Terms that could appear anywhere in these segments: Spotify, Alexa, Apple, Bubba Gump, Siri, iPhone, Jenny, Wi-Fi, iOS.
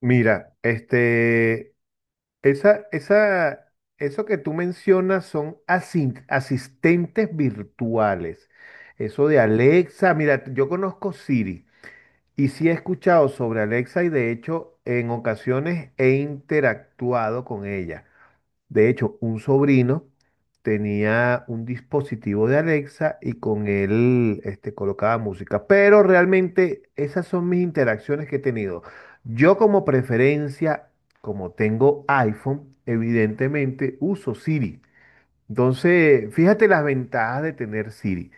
Mira, este, esa, esa, eso que tú mencionas son asistentes virtuales. Eso de Alexa, mira, yo conozco Siri y sí he escuchado sobre Alexa, y de hecho en ocasiones he interactuado con ella. De hecho, un sobrino tenía un dispositivo de Alexa y con él este, colocaba música. Pero realmente esas son mis interacciones que he tenido. Yo como preferencia, como tengo iPhone, evidentemente uso Siri. Entonces, fíjate las ventajas de tener Siri.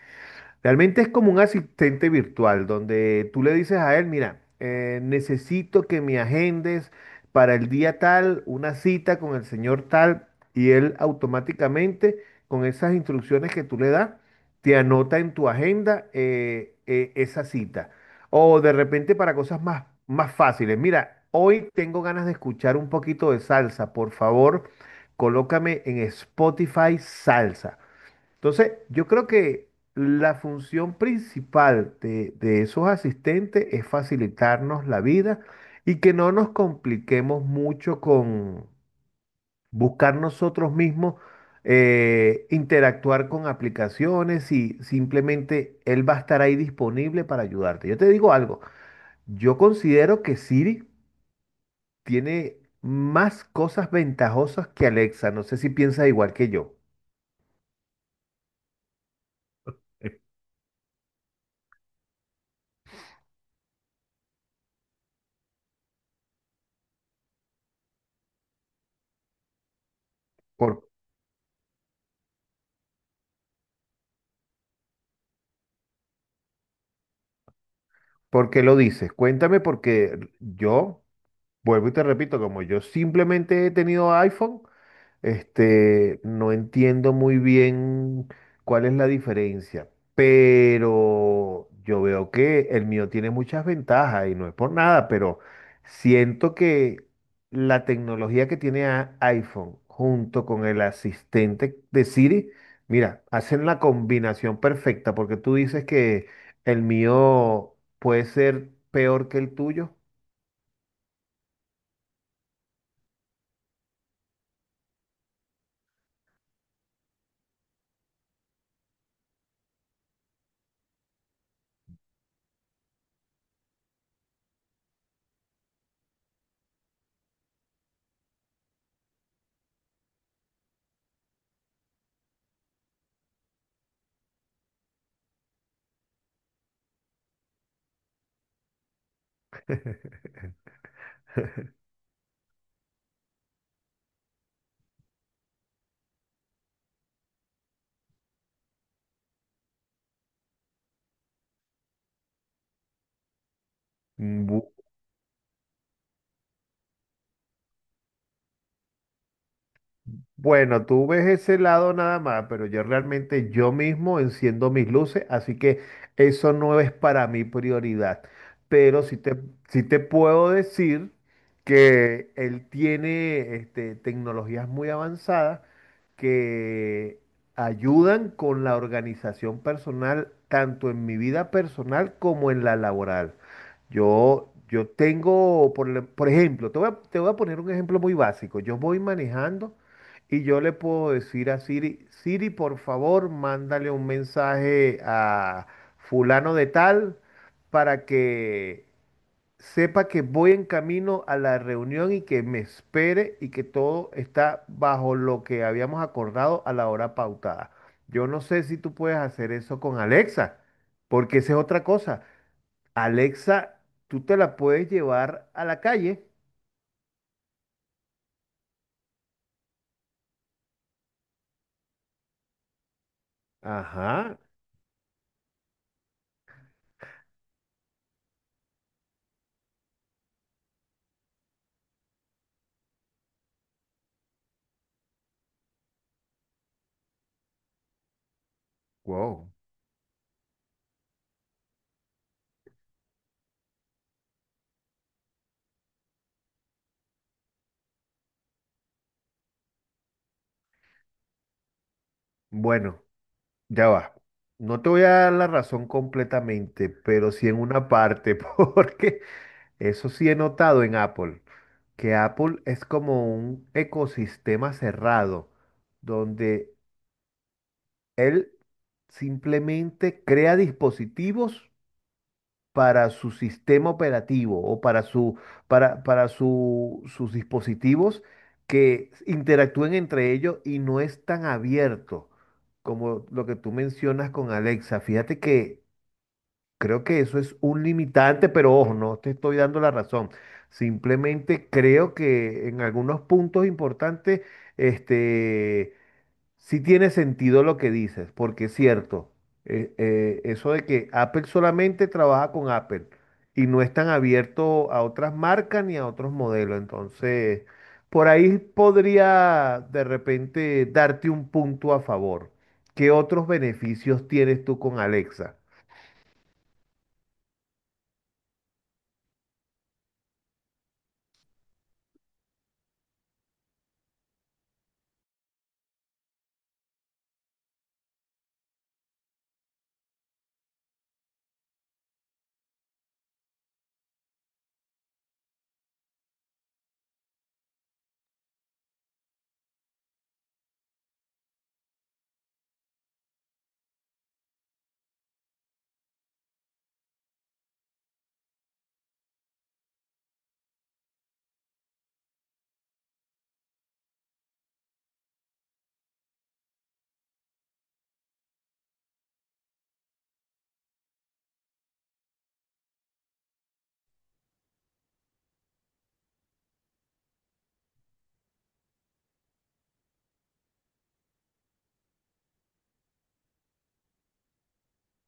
Realmente es como un asistente virtual donde tú le dices a él, mira, necesito que me agendes para el día tal una cita con el señor tal, y él automáticamente con esas instrucciones que tú le das te anota en tu agenda esa cita. O de repente para cosas más fáciles, mira, hoy tengo ganas de escuchar un poquito de salsa, por favor, colócame en Spotify salsa. Entonces, yo creo que la función principal de esos asistentes es facilitarnos la vida y que no nos compliquemos mucho con buscar nosotros mismos, interactuar con aplicaciones, y simplemente él va a estar ahí disponible para ayudarte. Yo te digo algo, yo considero que Siri tiene más cosas ventajosas que Alexa. No sé si piensas igual que yo. Eh, Por- ¿Por qué lo dices? Cuéntame porque yo, vuelvo y te repito, como yo simplemente he tenido iPhone, este, no entiendo muy bien cuál es la diferencia, pero yo veo que el mío tiene muchas ventajas y no es por nada, pero siento que la tecnología que tiene iPhone junto con el asistente de Siri, mira, hacen la combinación perfecta, porque tú dices que el mío puede ser peor que el tuyo. Bueno, tú ves ese lado nada más, pero yo realmente yo mismo enciendo mis luces, así que eso no es para mí prioridad. Pero sí te, sí te puedo decir que él tiene este, tecnologías muy avanzadas que ayudan con la organización personal, tanto en mi vida personal como en la laboral. Yo tengo, por ejemplo, te voy a poner un ejemplo muy básico. Yo voy manejando. Y yo le puedo decir a Siri, Siri, por favor, mándale un mensaje a fulano de tal para que sepa que voy en camino a la reunión y que me espere, y que todo está bajo lo que habíamos acordado a la hora pautada. Yo no sé si tú puedes hacer eso con Alexa, porque esa es otra cosa. Alexa, tú te la puedes llevar a la calle. Ajá, wow. Bueno. Ya va. No te voy a dar la razón completamente, pero sí en una parte, porque eso sí he notado en Apple, que Apple es como un ecosistema cerrado, donde él simplemente crea dispositivos para su sistema operativo o para su, para sus dispositivos, que interactúen entre ellos, y no es tan abierto como lo que tú mencionas con Alexa. Fíjate que creo que eso es un limitante, pero ojo, no te estoy dando la razón. Simplemente creo que en algunos puntos importantes, este, sí tiene sentido lo que dices, porque es cierto, eso de que Apple solamente trabaja con Apple y no es tan abierto a otras marcas ni a otros modelos. Entonces, por ahí podría de repente darte un punto a favor. ¿Qué otros beneficios tienes tú con Alexa?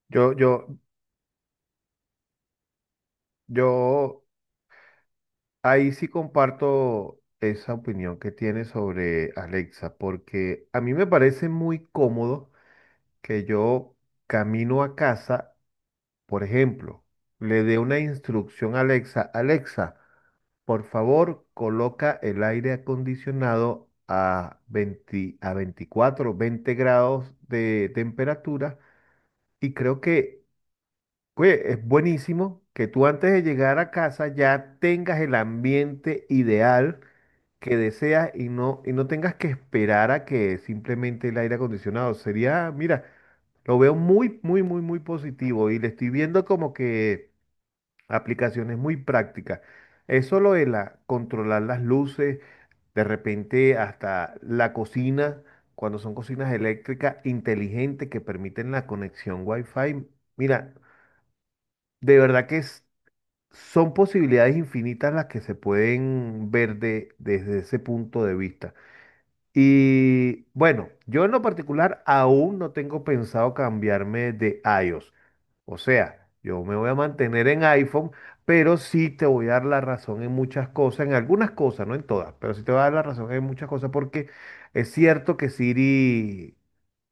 Yo, yo, Yo ahí sí comparto esa opinión que tiene sobre Alexa, porque a mí me parece muy cómodo que yo, camino a casa, por ejemplo, le dé una instrucción a Alexa. Alexa, por favor, coloca el aire acondicionado a 20, a 24, 20 grados de temperatura, y creo que, oye, es buenísimo que tú antes de llegar a casa ya tengas el ambiente ideal que deseas, y no tengas que esperar a que simplemente el aire acondicionado. Sería, mira, lo veo muy positivo y le estoy viendo como que aplicaciones muy prácticas. Eso lo de la, controlar las luces, de repente hasta la cocina, cuando son cocinas eléctricas inteligentes que permiten la conexión Wi-Fi. Mira, de verdad que son posibilidades infinitas las que se pueden ver desde ese punto de vista. Y bueno, yo en lo particular aún no tengo pensado cambiarme de iOS. O sea, yo me voy a mantener en iPhone, pero sí te voy a dar la razón en muchas cosas, en algunas cosas, no en todas, pero sí te voy a dar la razón en muchas cosas, porque es cierto que Siri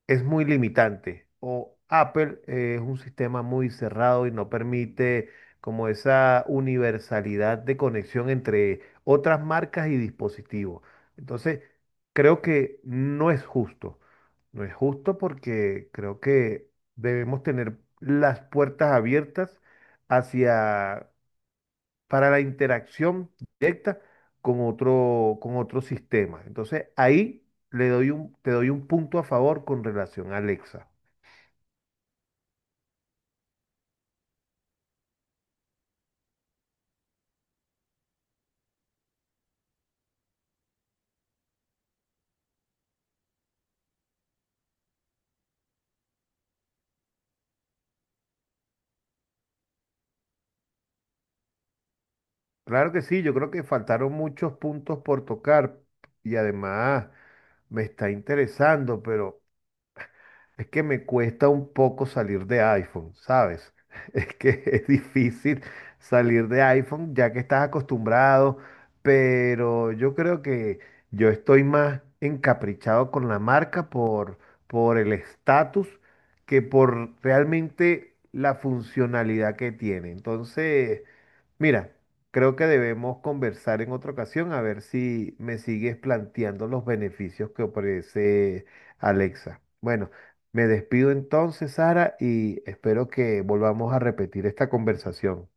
es muy limitante. O Apple es un sistema muy cerrado y no permite como esa universalidad de conexión entre otras marcas y dispositivos. Entonces, creo que no es justo. No es justo porque creo que debemos tener las puertas abiertas hacia, para la interacción directa con otro sistema. Entonces, ahí te doy un punto a favor con relación a Alexa. Claro que sí, yo creo que faltaron muchos puntos por tocar, y además me está interesando, pero... Es que me cuesta un poco salir de iPhone, ¿sabes? Es que es difícil salir de iPhone ya que estás acostumbrado, pero yo creo que yo estoy más encaprichado con la marca por el estatus, que por realmente la funcionalidad que tiene. Entonces, mira, creo que debemos conversar en otra ocasión a ver si me sigues planteando los beneficios que ofrece Alexa. Bueno. Me despido entonces, Sara, y espero que volvamos a repetir esta conversación.